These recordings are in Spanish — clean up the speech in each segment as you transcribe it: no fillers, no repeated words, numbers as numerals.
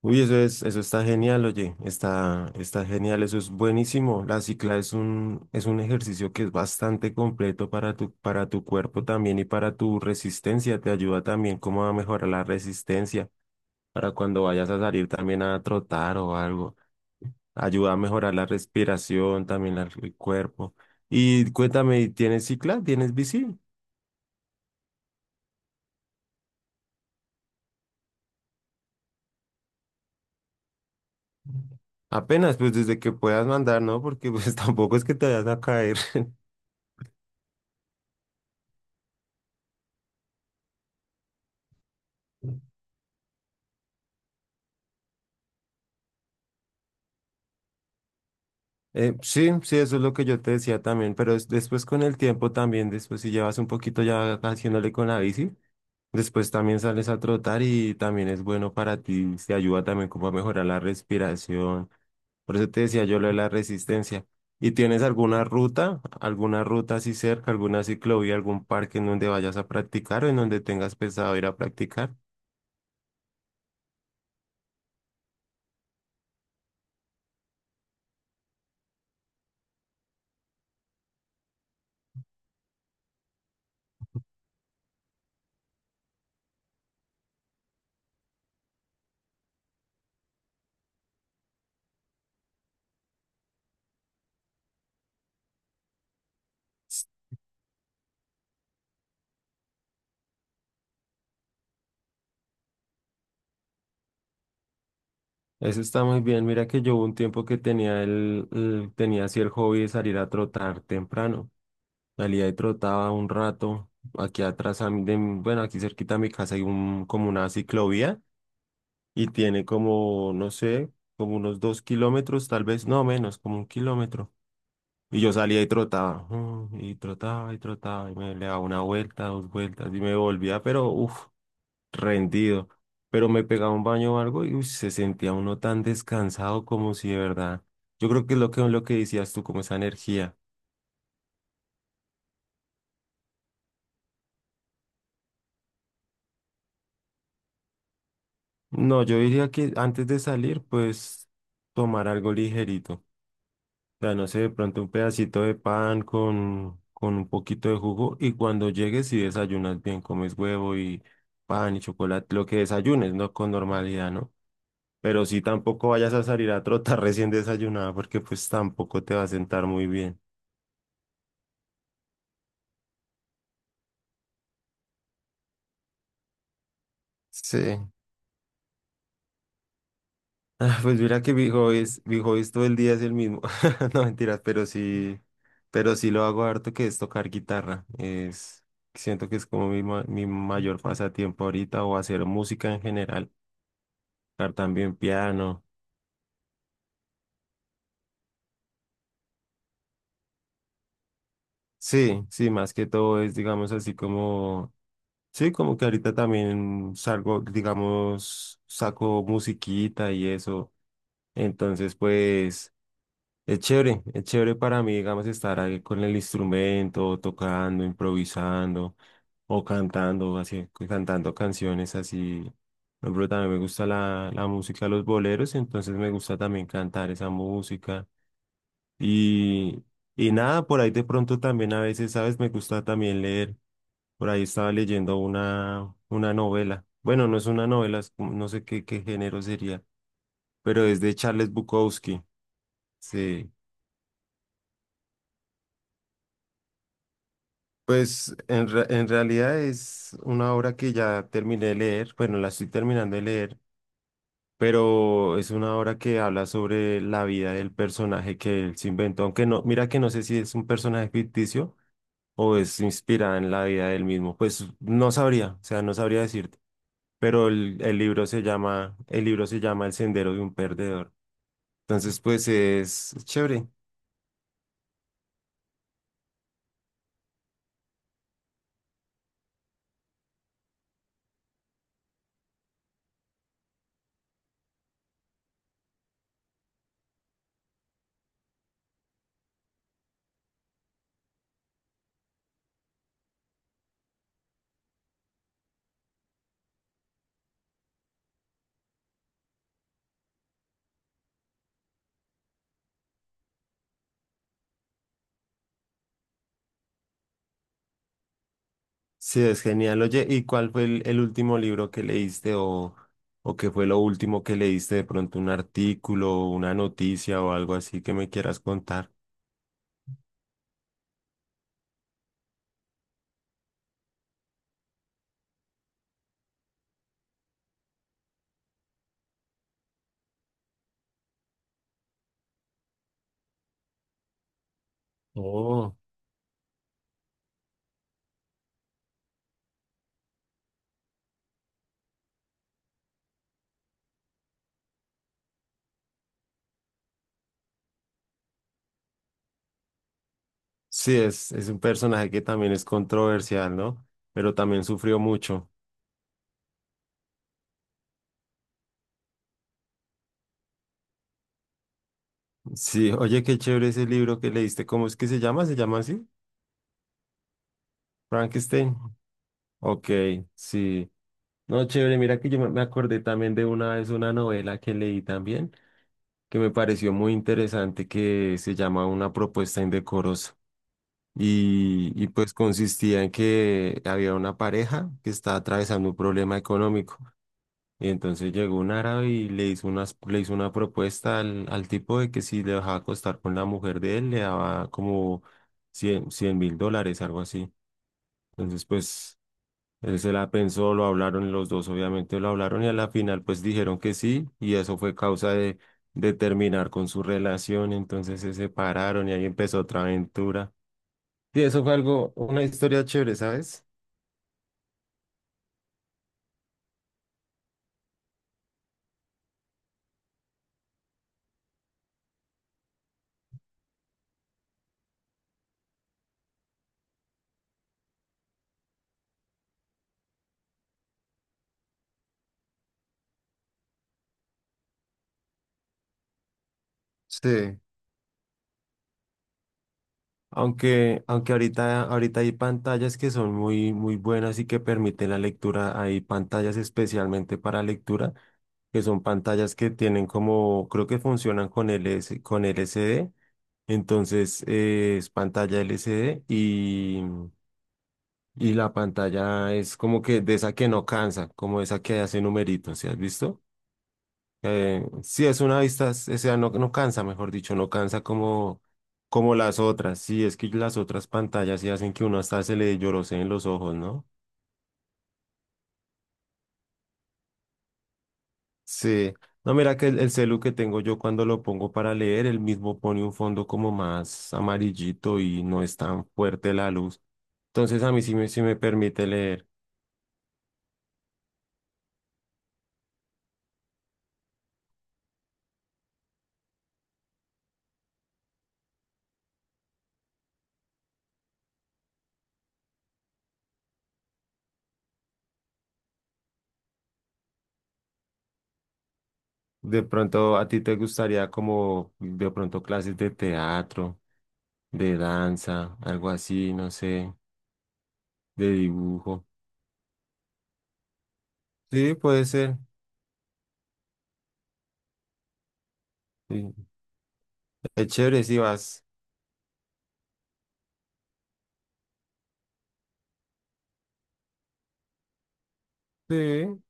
Uy, eso es, eso está genial, oye, está genial, eso es buenísimo. La cicla es un ejercicio que es bastante completo para tu cuerpo también y para tu resistencia. Te ayuda también como a mejorar la resistencia para cuando vayas a salir también a trotar o algo. Ayuda a mejorar la respiración, también el cuerpo. Y cuéntame, ¿tienes cicla? ¿Tienes bici? Apenas, pues desde que puedas mandar, ¿no? Porque pues tampoco es que te vayas a caer. Sí, sí, eso es lo que yo te decía también, pero después con el tiempo también, después si llevas un poquito ya haciéndole con la bici, después también sales a trotar y también es bueno para ti, te ayuda también como a mejorar la respiración. Por eso te decía yo lo de la resistencia. ¿Y tienes alguna ruta así cerca, alguna ciclovía, algún parque en donde vayas a practicar o en donde tengas pensado ir a practicar? Eso está muy bien. Mira que yo hubo un tiempo que tenía tenía así el hobby de salir a trotar temprano. Salía y trotaba un rato. Aquí atrás, a mí de mi- bueno, aquí cerquita de mi casa hay un, como una ciclovía y tiene como, no sé, como unos 2 kilómetros, tal vez, no menos, como 1 kilómetro. Y yo salía y trotaba, y trotaba y trotaba, y me le daba una vuelta, dos vueltas, y me volvía, pero uff, rendido. Pero me pegaba un baño o algo y uy, se sentía uno tan descansado como si de verdad. Yo creo que es lo que decías tú, como esa energía. No, yo diría que antes de salir, pues tomar algo ligerito. O sea, no sé, de pronto un pedacito de pan con, un poquito de jugo y cuando llegues si desayunas bien, comes huevo y pan y chocolate, lo que desayunes, ¿no? Con normalidad, ¿no? Pero sí tampoco vayas a salir a trotar recién desayunada porque pues tampoco te va a sentar muy bien. Sí. Ah, pues mira que mi hobby es todo el día es el mismo. No mentiras, pero sí, lo hago harto que es tocar guitarra. Es, siento que es como mi mayor pasatiempo ahorita o hacer música en general, tocar también piano. Sí, sí, más que todo es, digamos, así como, sí, como que ahorita también salgo, digamos, saco musiquita y eso. Entonces, pues... es chévere para mí, digamos, estar ahí con el instrumento, tocando, improvisando o cantando, así, cantando canciones así. Por ejemplo, también me gusta la música, los boleros, entonces me gusta también cantar esa música. Y, y nada, por ahí de pronto también a veces, ¿sabes? Me gusta también leer. Por ahí estaba leyendo una novela. Bueno, no es una novela, es como- no sé qué género sería, pero es de Charles Bukowski. Sí. Pues en realidad es una obra que ya terminé de leer, bueno, la estoy terminando de leer, pero es una obra que habla sobre la vida del personaje que él se inventó, aunque no, mira que no sé si es un personaje ficticio o es inspirada en la vida del mismo, pues no sabría, o sea, no sabría decirte, pero el libro se llama, El sendero de un perdedor, entonces pues es chévere. Sí, es genial. Oye, ¿y cuál fue el último libro que leíste o qué fue lo último que leíste? De pronto un artículo, una noticia o algo así que me quieras contar. Oh, sí, es un personaje que también es controversial, ¿no? Pero también sufrió mucho. Sí, oye, qué chévere ese libro que leíste. ¿Cómo es que se llama? ¿Se llama así? Frankenstein. Ok, sí. No, chévere, mira que yo me acordé también de una vez una novela que leí también que me pareció muy interesante que se llama Una propuesta indecorosa. Y pues consistía en que había una pareja que estaba atravesando un problema económico. Y entonces llegó un árabe y le hizo unas, le hizo una propuesta al tipo de que si le dejaba acostar con la mujer de él, le daba como $100.000, algo así. Entonces, pues él se la pensó, lo hablaron los dos, obviamente lo hablaron y a la final pues dijeron que sí y eso fue causa de terminar con su relación, entonces se separaron y ahí empezó otra aventura. Y eso fue algo, una historia chévere, ¿sabes? Sí, aunque ahorita hay pantallas que son muy, buenas y que permiten la lectura, hay pantallas especialmente para lectura, que son pantallas que tienen como, creo que funcionan con LS, con LCD. Entonces es pantalla LCD y la pantalla es como que de esa que no cansa, como esa que hace numeritos, ¿sí has visto? Sí, es una vista, o sea, no, no cansa, mejor dicho, no cansa como las otras. Sí, es que las otras pantallas sí hacen que uno hasta se le lloroseen los ojos, ¿no? Sí. No, mira que el celu que tengo yo cuando lo pongo para leer, él mismo pone un fondo como más amarillito y no es tan fuerte la luz. Entonces a mí sí me permite leer. De pronto a ti te gustaría como de pronto clases de teatro, de danza, algo así, no sé, de dibujo. Sí, puede ser. Sí. Es chévere si vas. Sí,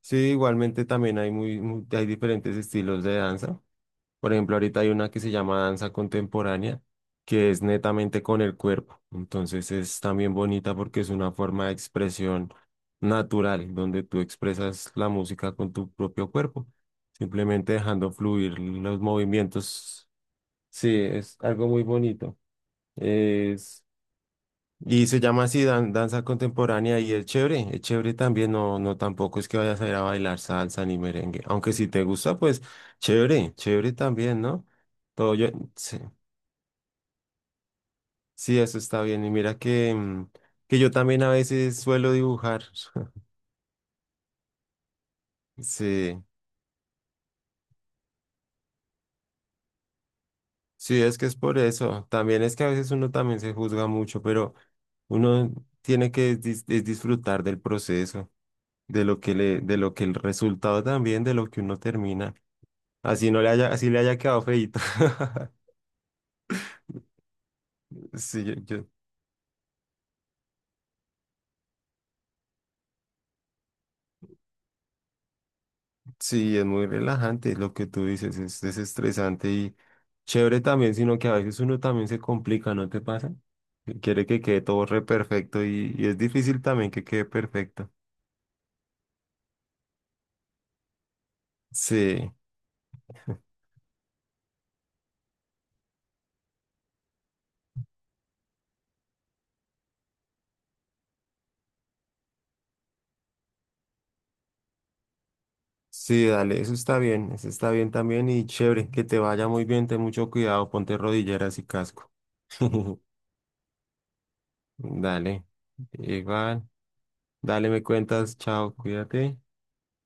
sí, igualmente también hay muy, hay diferentes estilos de danza. Por ejemplo, ahorita hay una que se llama danza contemporánea, que es netamente con el cuerpo. Entonces es también bonita porque es una forma de expresión natural, donde tú expresas la música con tu propio cuerpo, simplemente dejando fluir los movimientos. Sí, es algo muy bonito. Es y se llama así danza contemporánea y es chévere también, no, no tampoco es que vayas a ir a bailar salsa ni merengue, aunque si te gusta, pues chévere, chévere también, ¿no? Todo yo, sí, sí, eso está bien. Y mira que yo también a veces suelo dibujar. Sí, sí, es que es por eso. También es que a veces uno también se juzga mucho, pero uno tiene que es disfrutar del proceso, de lo que le, de lo que el resultado también, de lo que uno termina. Así no le haya, así le haya quedado feíto. Sí, sí, es muy relajante lo que tú dices, es desestresante y chévere también, sino que a veces uno también se complica, ¿no te pasa? Que quiere que quede todo re perfecto y es difícil también que quede perfecto. Sí, sí, dale, eso está bien también y chévere, que te vaya muy bien, ten mucho cuidado, ponte rodilleras y casco. Dale, igual, dale, me cuentas, chao, cuídate.